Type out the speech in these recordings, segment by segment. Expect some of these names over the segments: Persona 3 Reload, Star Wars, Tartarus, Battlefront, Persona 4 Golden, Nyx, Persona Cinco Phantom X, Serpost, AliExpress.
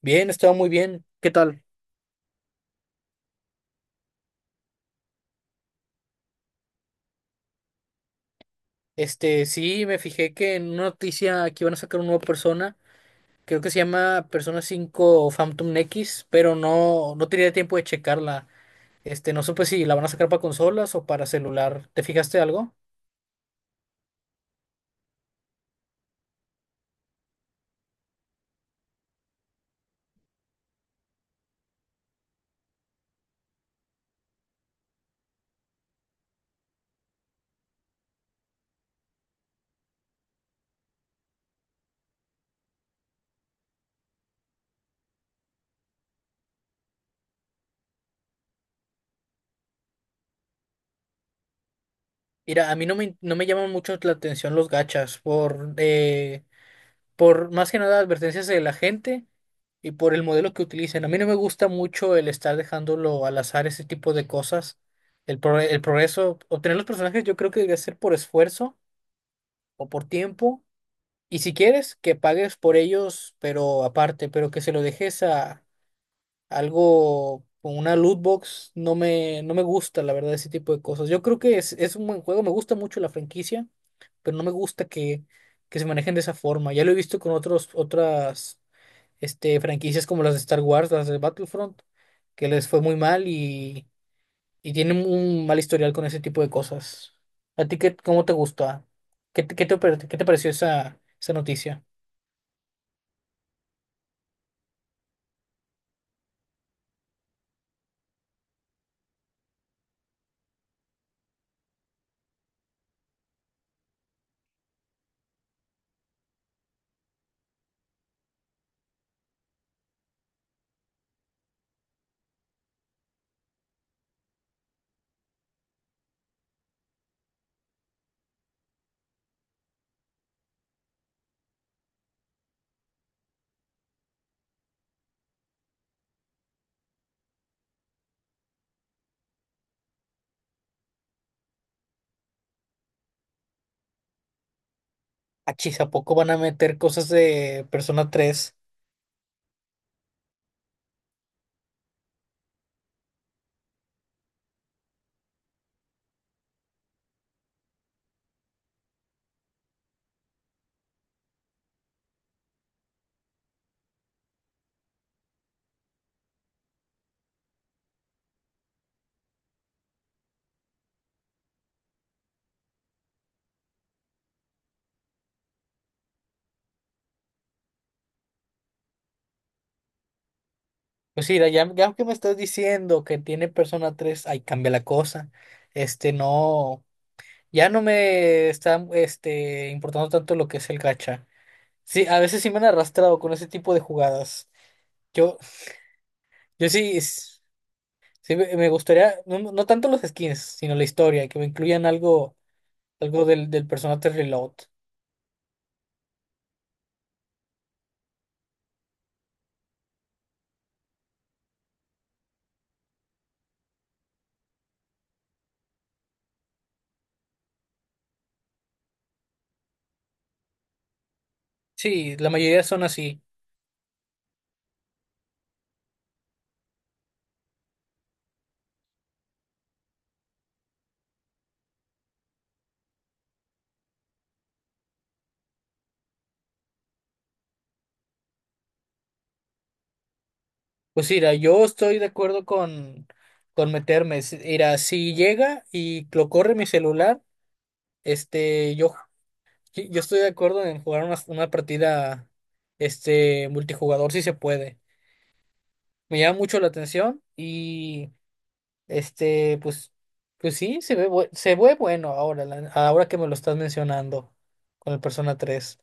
Bien, estaba muy bien. ¿Qué tal? Sí, me fijé que en una noticia aquí van a sacar una nueva persona. Creo que se llama Persona Cinco Phantom X, pero no, no tenía tiempo de checarla. No supe si la van a sacar para consolas o para celular. ¿Te fijaste algo? Mira, a mí no me llaman mucho la atención los gachas por más que nada advertencias de la gente y por el modelo que utilicen. A mí no me gusta mucho el estar dejándolo al azar ese tipo de cosas. El progreso, obtener los personajes yo creo que debe ser por esfuerzo o por tiempo. Y si quieres, que pagues por ellos, pero aparte, pero que se lo dejes a algo con una loot box, no me gusta, la verdad, ese tipo de cosas. Yo creo que es un buen juego, me gusta mucho la franquicia, pero no me gusta que se manejen de esa forma. Ya lo he visto con otras franquicias como las de Star Wars, las de Battlefront, que les fue muy mal y tienen un mal historial con ese tipo de cosas. ¿A ti qué, cómo te gusta? ¿Qué te pareció esa noticia? Achis, ¿a poco van a meter cosas de Persona 3? Pues mira, ya, ya que me estás diciendo que tiene Persona 3, ahí cambia la cosa. No, ya no me está importando tanto lo que es el gacha. Sí, a veces sí me han arrastrado con ese tipo de jugadas. Yo, Yo sí, es- sí, me gustaría, no, no tanto los skins, sino la historia, que me incluyan algo, algo del personaje Reload. Sí, la mayoría son así. Pues mira, yo estoy de acuerdo con meterme. Mira, si llega y lo corre mi celular, este, yo Sí, Yo estoy de acuerdo en jugar una partida multijugador si se puede. Me llama mucho la atención y este pues pues sí se ve bueno, ahora que me lo estás mencionando con el Persona tres.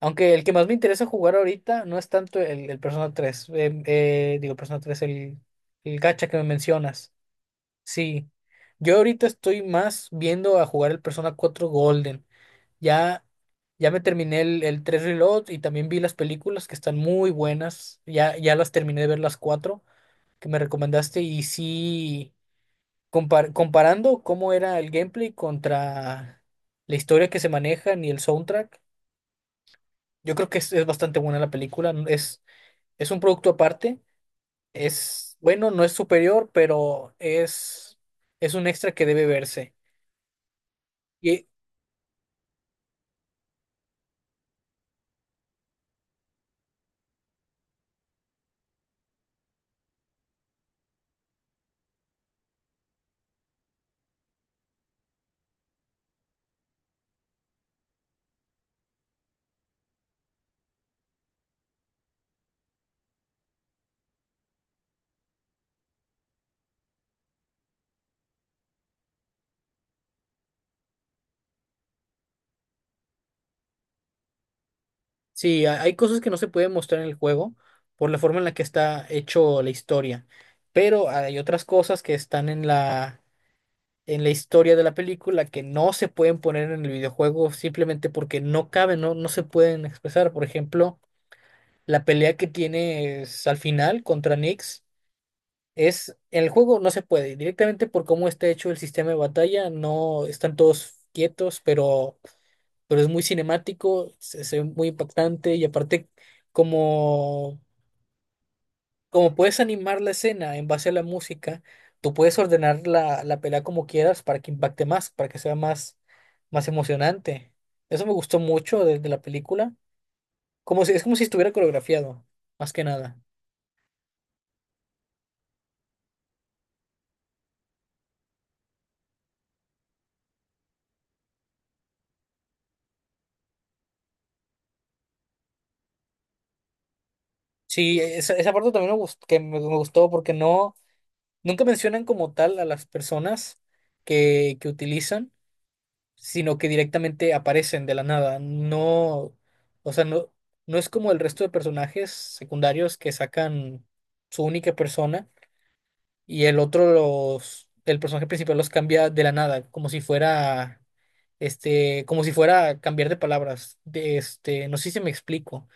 Aunque el que más me interesa jugar ahorita no es tanto el Persona tres, digo Persona tres, el gacha que me mencionas. Sí. Yo ahorita estoy más viendo a jugar el Persona cuatro Golden. Ya, ya me terminé el tres Reload y también vi las películas que están muy buenas. Ya, ya las terminé de ver las cuatro que me recomendaste y sí, comparando cómo era el gameplay contra la historia que se maneja y el soundtrack, yo creo que es bastante buena la película. Es un producto aparte. Es, bueno, no es superior, pero es un extra que debe verse. Y, Sí, hay cosas que no se pueden mostrar en el juego por la forma en la que está hecho la historia, pero hay otras cosas que están en la historia de la película que no se pueden poner en el videojuego simplemente porque no caben, no, no se pueden expresar. Por ejemplo, la pelea que tienes al final contra Nyx es en el juego no se puede, directamente por cómo está hecho el sistema de batalla, no están todos quietos, pero es muy cinemático, se ve muy impactante y aparte como, como puedes animar la escena en base a la música, tú puedes ordenar la, la pelea como quieras para que impacte más, para que sea más, más emocionante. Eso me gustó mucho de la película, como si, es como si estuviera coreografiado, más que nada. Sí, esa parte también me gustó, que me gustó porque no, nunca mencionan como tal a las personas que utilizan, sino que directamente aparecen de la nada. No, o sea, no, no es como el resto de personajes secundarios que sacan su única persona y el otro el personaje principal los cambia de la nada, como si fuera, como si fuera cambiar de palabras. No sé si me explico.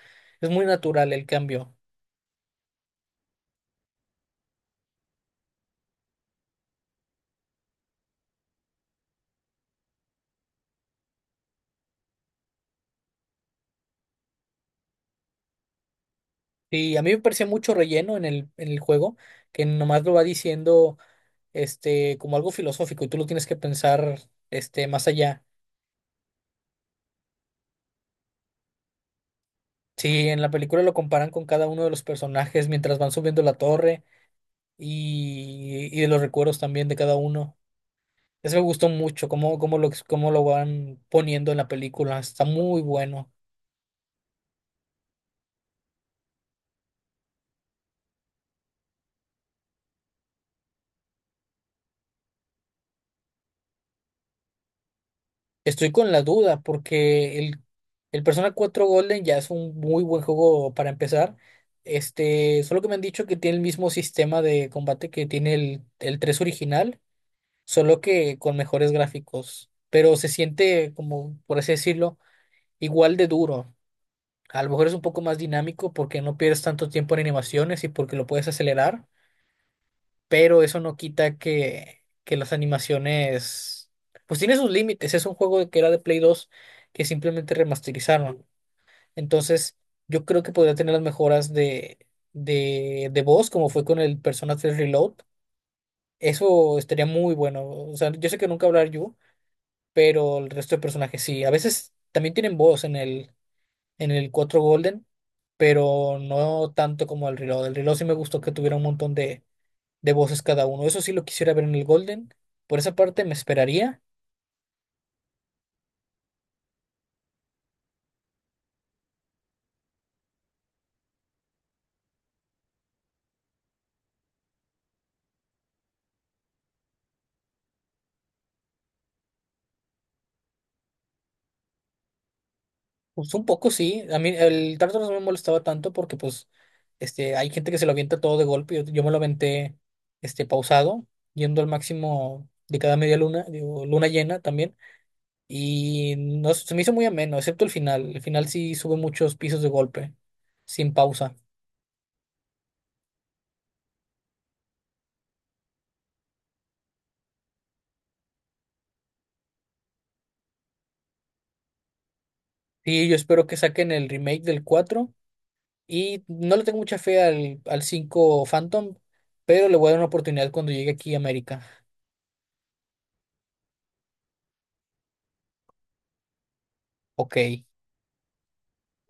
Es muy natural el cambio. Y a mí me parecía mucho relleno en el juego, que nomás lo va diciendo como algo filosófico y tú lo tienes que pensar más allá. Sí, en la película lo comparan con cada uno de los personajes mientras van subiendo la torre y de los recuerdos también de cada uno. Eso me gustó mucho, cómo lo van poniendo en la película. Está muy bueno. Estoy con la duda porque el Persona 4 Golden ya es un muy buen juego para empezar. Solo que me han dicho que tiene el mismo sistema de combate que tiene el 3 original, solo que con mejores gráficos. Pero se siente como, por así decirlo, igual de duro. A lo mejor es un poco más dinámico porque no pierdes tanto tiempo en animaciones y porque lo puedes acelerar, pero eso no quita que las animaciones, pues tiene sus límites. Es un juego que era de Play 2 que simplemente remasterizaron. Entonces, yo creo que podría tener las mejoras de voz, como fue con el Persona 3 Reload. Eso estaría muy bueno. O sea, yo sé que nunca hablar yo, pero el resto de personajes sí. A veces también tienen voz en el cuatro Golden, pero no tanto como el reloj. El reloj sí me gustó que tuviera un montón de voces cada uno. Eso sí lo quisiera ver en el Golden. Por esa parte me esperaría. Pues un poco sí. A mí el Tartarus no me molestaba tanto porque pues hay gente que se lo avienta todo de golpe. Yo me lo aventé pausado, yendo al máximo de cada media luna, digo, luna llena también. Y no, se me hizo muy ameno, excepto el final. El final sí sube muchos pisos de golpe, sin pausa. Y yo espero que saquen el remake del cuatro. Y no le tengo mucha fe al, al cinco Phantom, pero le voy a dar una oportunidad cuando llegue aquí a América. Ok.